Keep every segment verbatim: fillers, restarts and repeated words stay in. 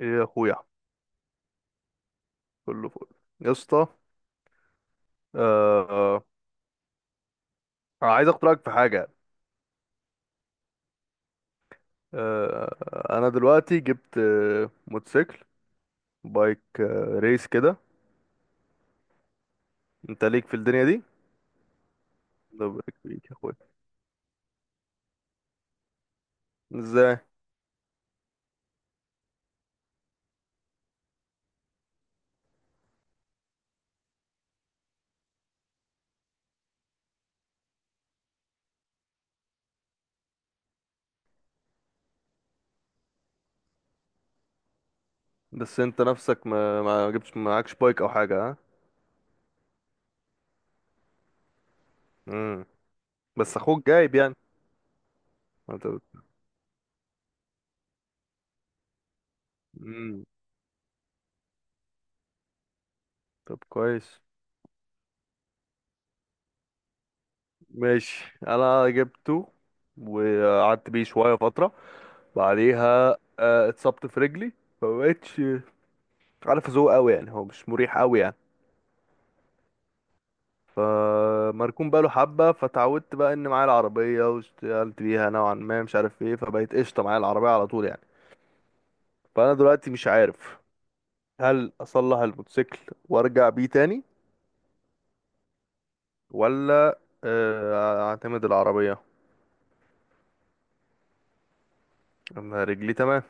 إيه يا اخويا، كله فل يا اسطى. آه آه، عايز اخد رايك في حاجه. آه انا دلوقتي جبت آه موتوسيكل، بايك آه ريس كده. انت ليك في الدنيا دي؟ ده بايك ليك يا اخويا؟ ازاي؟ بس انت نفسك ما ما جبتش، معكش بايك او حاجه، ها؟ امم. بس اخوك جايب يعني؟ انت امم، طب كويس. ماشي انا جبته وقعدت بيه شويه فتره، بعديها آه، اتصبت في رجلي، فمبقتش عارف، ذوق قوي يعني، هو مش مريح قوي يعني. فمركون بقاله حبة، فتعودت بقى ان معايا العربية واشتغلت بيها نوعا ما، مش عارف ايه، فبقيت قشطة معايا العربية على طول يعني. فانا دلوقتي مش عارف، هل اصلح الموتوسيكل وارجع بيه تاني، ولا آه، اعتمد العربية. انا رجلي تمام.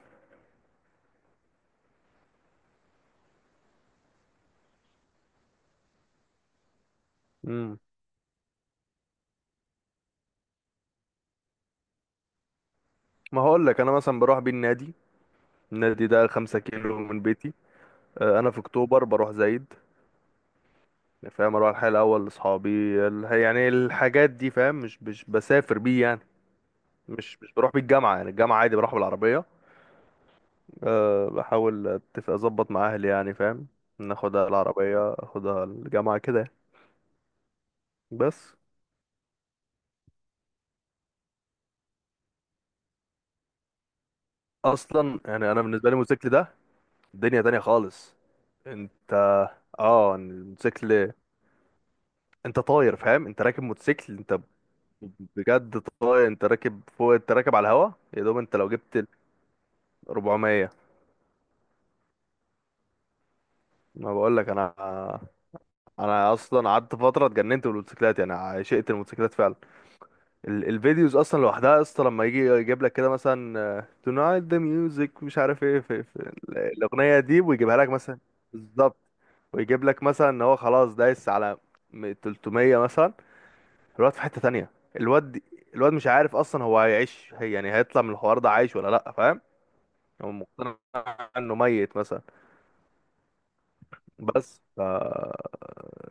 مم. ما هقول لك، انا مثلا بروح بيه النادي، النادي ده خمسة كيلو من بيتي. آه، انا في اكتوبر بروح زايد، فاهم؟ اروح الحي الاول لاصحابي، ال- يعني الحاجات دي، فاهم؟ مش مش بسافر بيه يعني، مش مش بروح بالجامعة، يعني الجامعة عادي بروح بالعربية. أه بحاول اتفق اظبط مع اهلي يعني، فاهم؟ ناخدها العربية، اخدها الجامعة كده يعني. بس اصلا يعني انا بالنسبة لي الموتوسيكل ده دنيا تانية خالص. انت اه الموتوسيكل، انت طاير، فاهم؟ انت راكب موتوسيكل، انت بجد طاير، انت راكب فوق، انت راكب على الهوا. يا دوب انت لو جبت ال اربعمية، ما بقول لك، انا انا اصلا قعدت فترة اتجننت بالموتوسيكلات يعني، عشقت الموتوسيكلات فعلا. ال- الفيديوز اصلا لوحدها يا اسطى، لما يجي يجيب لك كده مثلا تونايت ذا ميوزك، مش عارف ايه، في, في ال- الاغنيه دي، ويجيبها لك مثلا. بالظبط. ويجيب لك مثلا ان هو خلاص دايس على م- تلتمية مثلا، الواد في حته تانية. الواد دي- الواد مش عارف اصلا، هو هيعيش، هي يعني هيطلع من الحوار ده عايش ولا لا، فاهم؟ هو مقتنع انه ميت مثلا، بس ف-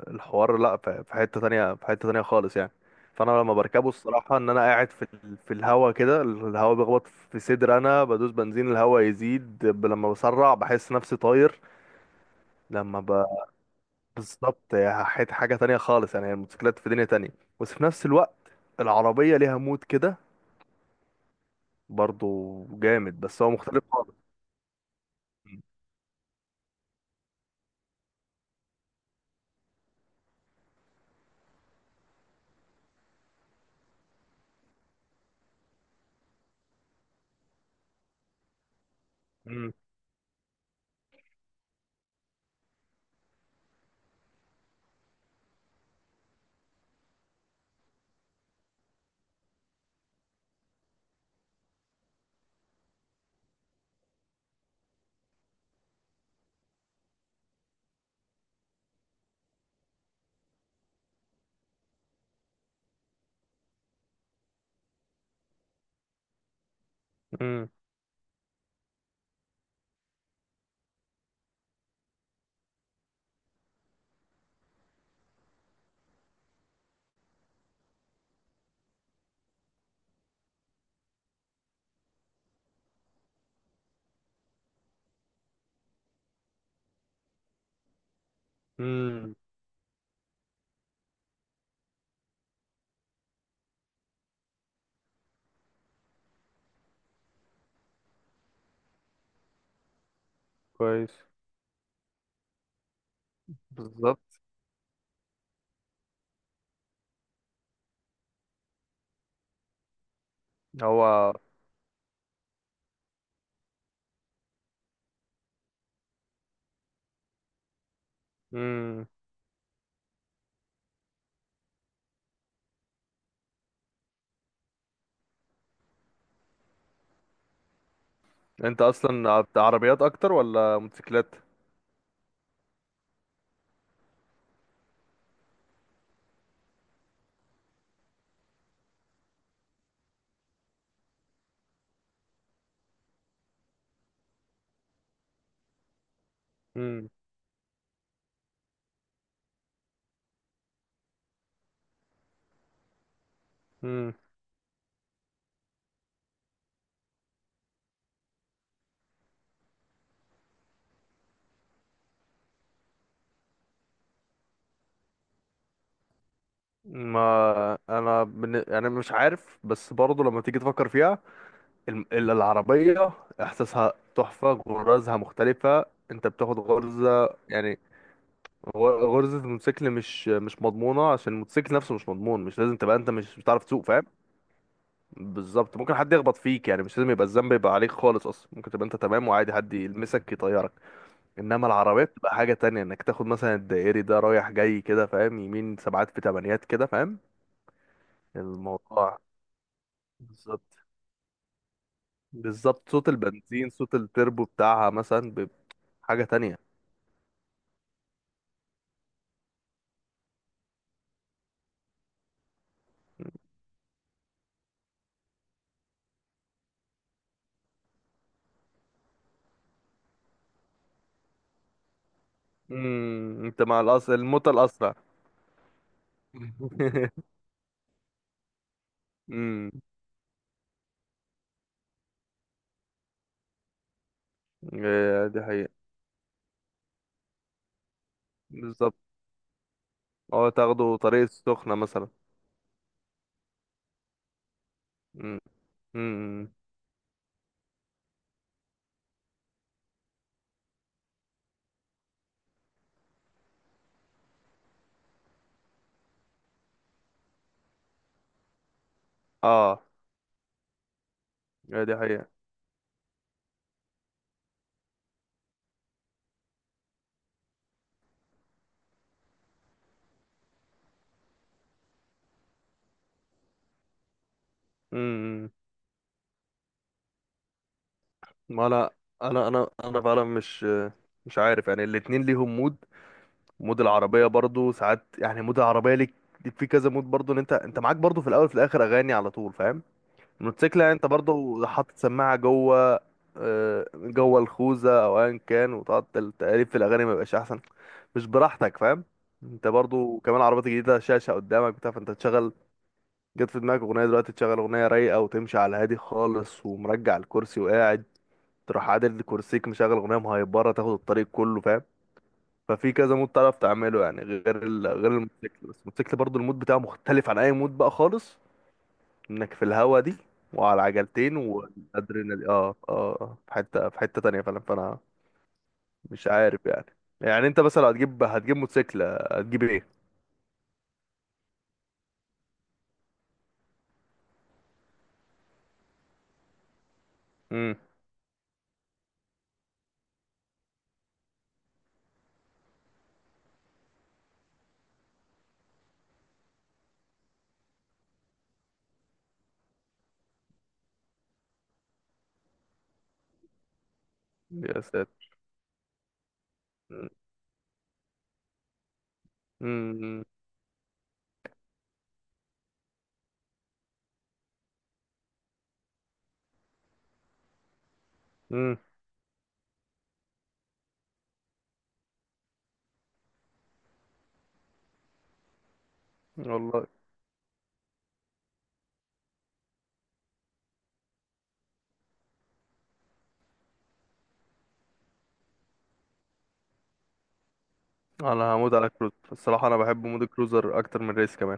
الحوار لا، ف- في حتة تانية، في حتة تانية خالص يعني. فانا لما بركبه، الصراحة ان انا قاعد في ال- في الهوا كده، الهوا بيخبط في صدر، انا بدوس بنزين، الهوا يزيد، ب- لما بسرع بحس نفسي طاير. لما ب... بالظبط، هي حت- حاجة تانية خالص يعني، الموتوسيكلات في دنيا تانية. بس في نفس الوقت العربية ليها مود كده برضو جامد، بس هو مختلف خالص. مم. مم. مم. كويس. بالظبط. هو مم. انت اصلا عط- عربيات اكتر ولا موتوسيكلات؟ امم. امم. ما انا بن... يعني مش عارف، بس برضه لما تيجي تفكر فيها، الم- ال- العربية احساسها تحفة، غرزها مختلفة. انت بتاخد غرزة يعني، غ- غرزة الموتوسيكل مش مش مضمونة، عشان الموتوسيكل نفسه مش مضمون، مش لازم تبقى انت مش بتعرف تسوق، فاهم؟ بالظبط، ممكن حد يخبط فيك يعني، مش لازم يبقى الذنب يبقى عليك خالص، اصلا ممكن تبقى انت تمام وعادي حد يلمسك يطيرك. انما العربية بتبقى حاجة تانية، انك تاخد مثلا الدائري ده رايح جاي كده، فاهم؟ يمين، سبعات في تمانيات كده، فاهم الموضوع؟ بالظبط، بالظبط. صوت البنزين، صوت التربو بتاعها مثلا بيبقى حاجة تانية. امم. انت مع الأس... الموتى الأسرع. امم. إيه، دي حقيقة. بالظبط. اه تاخده طريق السخنة مثلا. امم. أمم. اه. إيه، دي حقيقة. امم. ما لا، انا انا انا فعلا مش مش عارف يعني، الاتنين ليهم مود. مود العربية برضو ساعات يعني، مود العربية ليك ليك في كذا مود برضو، ان انت انت معاك برضو، في الاول في الاخر اغاني على طول، فاهم؟ الموتوسيكل يعني انت برضو حاطط سماعة جوه آه، جوه الخوذة او ايا كان، وتقعد تل- تقلب في الاغاني، ما يبقاش احسن؟ مش براحتك، فاهم؟ انت برضو كمان عربيات جديدة، شاشة قدامك بتاع، فانت تشغل، جت في دماغك اغنية دلوقتي تشغل اغنية رايقة وتمشي على هادي خالص، ومرجع الكرسي وقاعد، تروح عادل كرسيك مشغل اغنية مهيبرة، تاخد الطريق كله، فاهم؟ ففي كذا مود تعرف تعمله يعني، غير ال... غير الموتوسيكل. بس الموتوسيكل برضو المود بتاعه مختلف عن اي مود بقى خالص، انك في الهوا دي، وعلى عجلتين، والادرينالين، اه اه آه، في حته، في حته تانية فعلا. فانا مش عارف يعني. يعني انت مثلا لو هتجيب، هتجيب موتوسيكل، هتجيب ايه؟ امم. يا ساتر. امم. امم. والله. انا هموت على كروز، الصراحه انا بحب مود الكروزر اكتر من ريس كمان.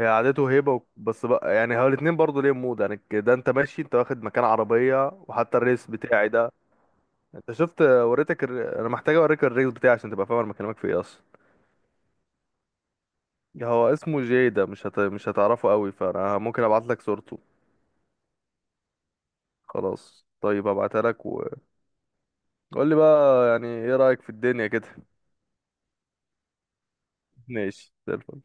هي عادته هيبة و- بس بقى يعني، هو الاتنين برضه ليهم مود يعني، ك- ده انت ماشي انت واخد مكان عربية. وحتى الريس بتاعي ده، انت شفت، وريتك الر... انا محتاج اوريك الريس بتاعي عشان تبقى فاهم انا بكلمك في ايه اصلا. هو اسمه جي، ده مش هت... مش هتعرفه قوي، فانا ممكن ابعت لك صورته. خلاص طيب، ابعتها لك وقول لي بقى يعني ايه رأيك في الدنيا كده. ماشي زي الفل.